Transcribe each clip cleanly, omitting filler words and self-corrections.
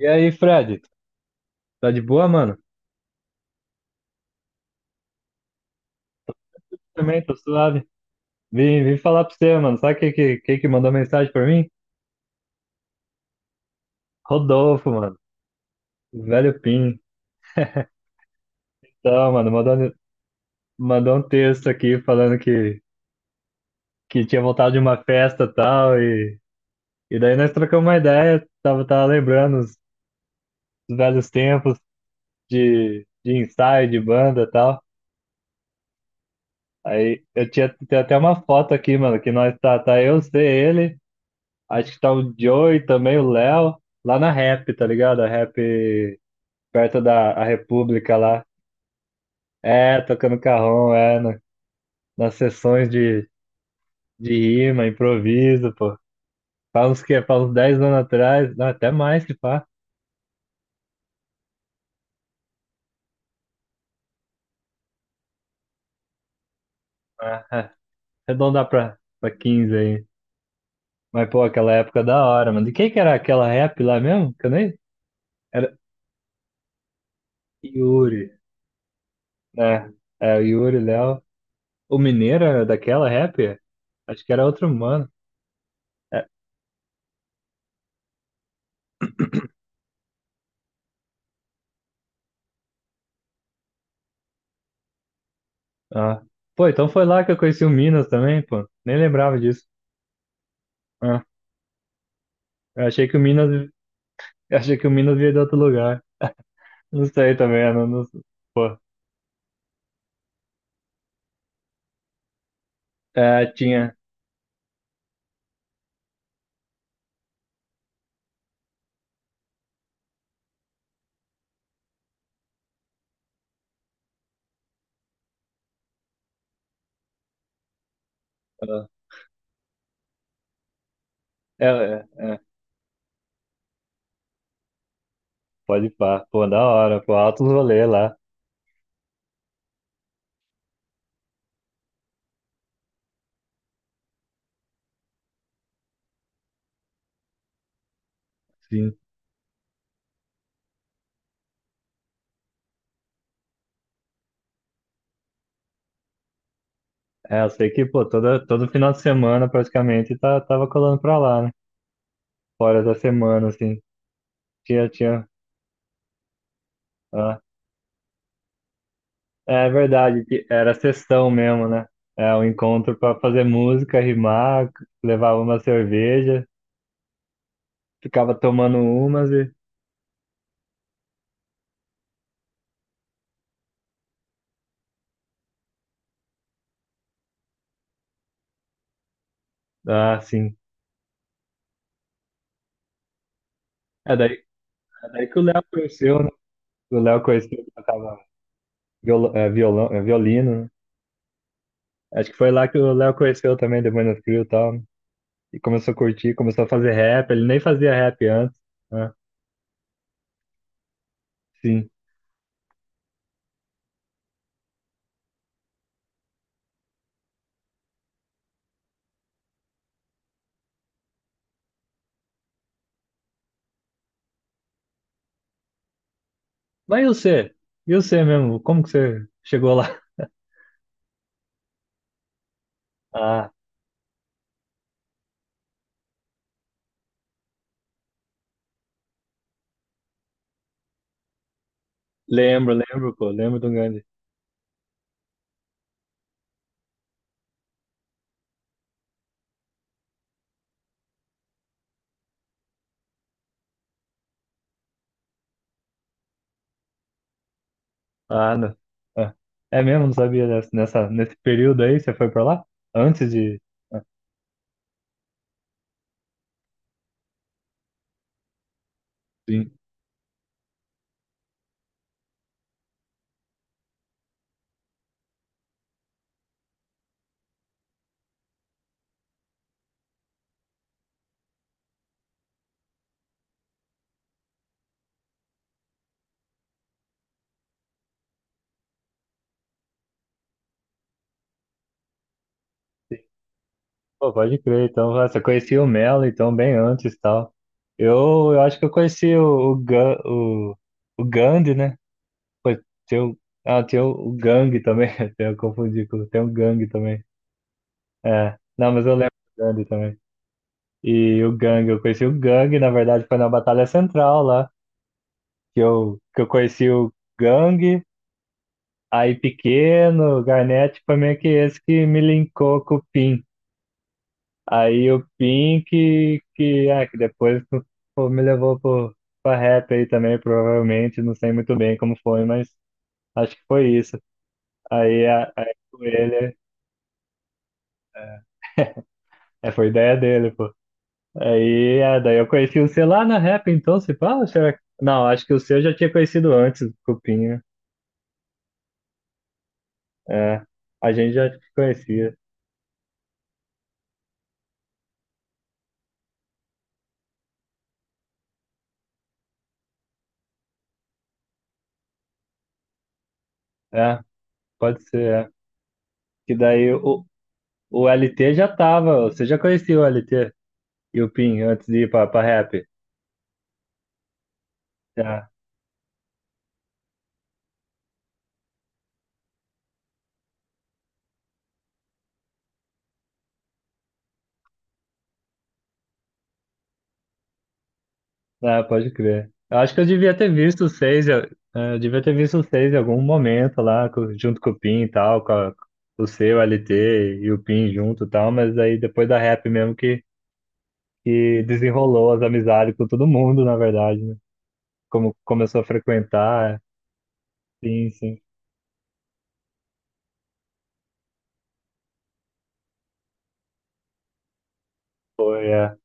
E aí, Fred? Tá de boa, mano? Também, tô suave. Vim falar pra você, mano. Sabe quem que mandou mensagem pra mim? Rodolfo, mano. O Velho Pim. Então, mano, mandou um texto aqui falando que tinha voltado de uma festa e tal. E daí nós trocamos uma ideia. Tava lembrando os velhos tempos de ensaio, de banda e tal. Aí eu tinha, tem até uma foto aqui, mano, que nós tá eu, você, ele. Acho que tá o Joey também, o Léo, lá na Rap, tá ligado? A Rap perto da a República lá. É, tocando carrom, é, nas sessões de rima, improviso, pô. Faz uns 10 anos atrás, não, até mais que pá. Ah, é. Arredondar pra 15 aí. Mas, pô, aquela época da hora, mano. De quem que era aquela rap lá mesmo? Que eu nem. Era Yuri, né? É, o Yuri, Léo. O Mineiro era daquela rap? Acho que era outro mano. É, ah. Pô, então foi lá que eu conheci o Minas também, pô. Nem lembrava disso. Ah. Eu achei que o Minas, eu achei que o Minas veio de outro lugar. Não sei também, eu não, pô. É, tinha. Ah. É, é, é. Pode pá. Pô, da hora, pô, altos rolê lá. Sim. É, eu sei que, pô, toda, todo final de semana praticamente tava colando pra lá, né? Fora da semana, assim. Tinha, tinha. Ah. É verdade, que era sessão mesmo, né? É, um encontro pra fazer música, rimar, levar uma cerveja. Ficava tomando umas e. Ah, sim. É daí, é daí que o Léo conheceu, né? O Léo conheceu que tocava violão, é, violino, né? Acho que foi lá que o Léo conheceu também, depois no Trio e tal, né? E começou a curtir, começou a fazer rap. Ele nem fazia rap antes, né? Sim. Mas e você? E você mesmo? Como que você chegou lá? Ah, lembro, lembro, pô, lembro do Gandhi. Ah, não. Ah, é mesmo? Não sabia dessa, nessa, nesse período aí você foi pra lá? Antes de. Ah, sim. Pô, pode crer, então, nossa, eu conheci o Melo, então, bem antes e tal. Eu acho que eu conheci o Gandhi, né? Pô, tem o, tem o Gang também, até eu confundi, tem o Gang também. É, não, mas eu lembro do Gandhi também. E o Gang, eu conheci o Gang, na verdade, foi na Batalha Central lá, que eu conheci o Gang, aí Pequeno, o Garnett, foi meio que esse que me linkou com o Pim. Aí o Pink, que depois pô, me levou pro, pra rap aí também, provavelmente, não sei muito bem como foi, mas acho que foi isso. Aí foi ele, é, foi ideia dele, pô. Daí eu conheci o C lá na rap, então, se fala, será que. Não, acho que o C eu já tinha conhecido antes, o Cupinha. É, a gente já te conhecia. É, pode ser, é. Que daí o LT já tava, você já conhecia o LT e o Pin antes de ir pra rap. É. Ah, pode crer. Eu acho que eu devia ter visto o seis, eu devia ter visto o seis em algum momento lá, junto com o Pin e tal, o seu LT e o Pin junto e tal, mas aí depois da rap mesmo que desenrolou as amizades com todo mundo, na verdade, né? Como começou a frequentar, sim, sim, foi, é.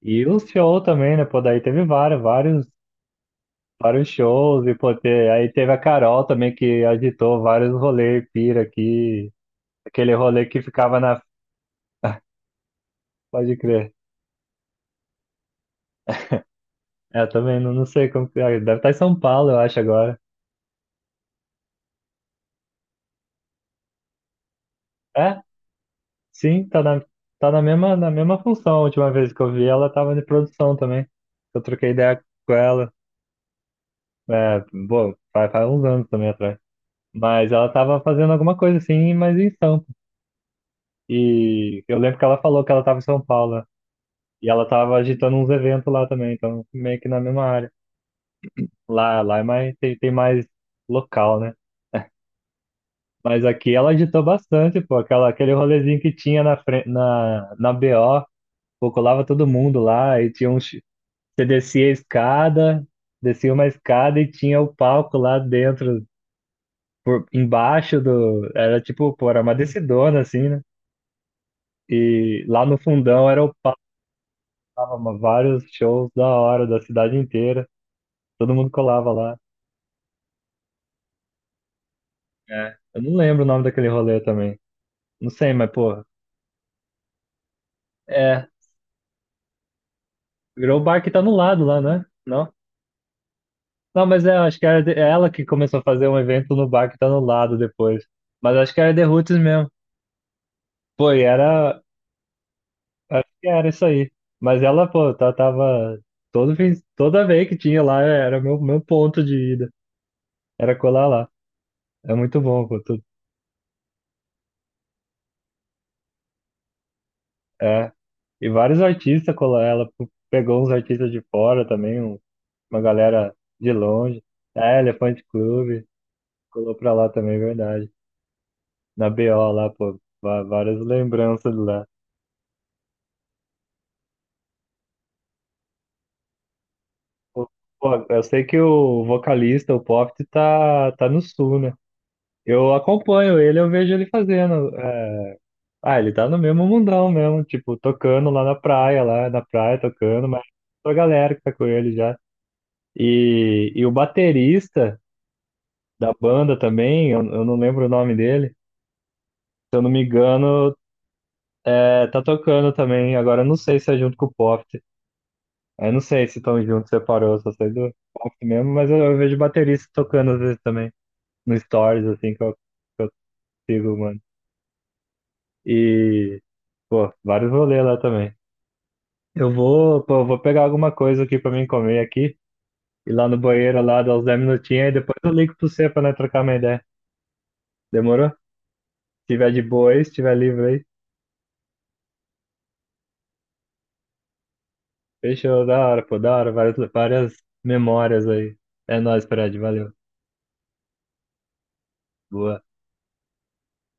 E o show também, né? Pô, daí teve vários, vários, vários shows, e pô, aí teve a Carol também que agitou vários rolês, pira aqui, aquele rolê que ficava na. Pode crer. É, também não, não sei como que é. Deve estar em São Paulo, eu acho, agora. É, sim, tá na mesma função. A última vez que eu vi ela tava de produção também. Eu troquei ideia com ela. É, bom, faz uns anos também atrás. Mas ela tava fazendo alguma coisa assim, mas em Sampa. E eu lembro que ela falou que ela tava em São Paulo, né? E ela tava agitando uns eventos lá também, então meio que na mesma área. Lá é mais, tem mais local, né? Mas aqui ela agitou bastante, pô. Aquela, aquele rolezinho que tinha na BO, pô, colava todo mundo lá e tinha um. Você descia a escada, descia uma escada e tinha o palco lá dentro, embaixo do. Era tipo, pô, era uma descidona assim, né? E lá no fundão era o palco, tava vários shows da hora, da cidade inteira. Todo mundo colava lá. É. Eu não lembro o nome daquele rolê também. Não sei, mas, pô. É. Virou o bar que tá no lado lá, né? Não? Não, mas é, acho que era é ela que começou a fazer um evento no bar que tá no lado depois. Mas acho que era The Roots mesmo. Pô, e era. Acho que era isso aí. Mas ela, pô, tava. Todo fim, toda vez que tinha lá, era meu ponto de ida. Era colar lá. É muito bom, pô. É. E vários artistas colar ela, pô, pegou uns artistas de fora também, uma galera de longe. É, Elefante Clube. Colou pra lá também, é verdade. Na BO lá, pô. Várias lembranças lá. Pô, pô, eu sei que o vocalista, o Poft, tá no sul, né? Eu acompanho ele, eu vejo ele fazendo, é. Ah, ele tá no mesmo mundão mesmo, tipo, tocando lá na praia tocando, mas a galera que tá com ele já. E o baterista da banda também, eu não lembro o nome dele, se eu não me engano, é, tá tocando também. Agora eu não sei se é junto com o Poft. Eu não sei se estão juntos, separou, só sei do Poft mesmo, mas eu vejo baterista tocando às vezes também, no Stories, assim, que eu sigo, mano. E, pô, vários rolês lá também. Pô, eu vou pegar alguma coisa aqui pra mim comer aqui, ir lá no banheiro lá, dar uns 10 minutinhos, e depois eu ligo pro você pra nós trocar uma ideia. Demorou? Se tiver de boa aí, se tiver livre aí, fechou, da hora, pô, da hora, várias, várias memórias aí. É nóis, Fred, valeu. Boa.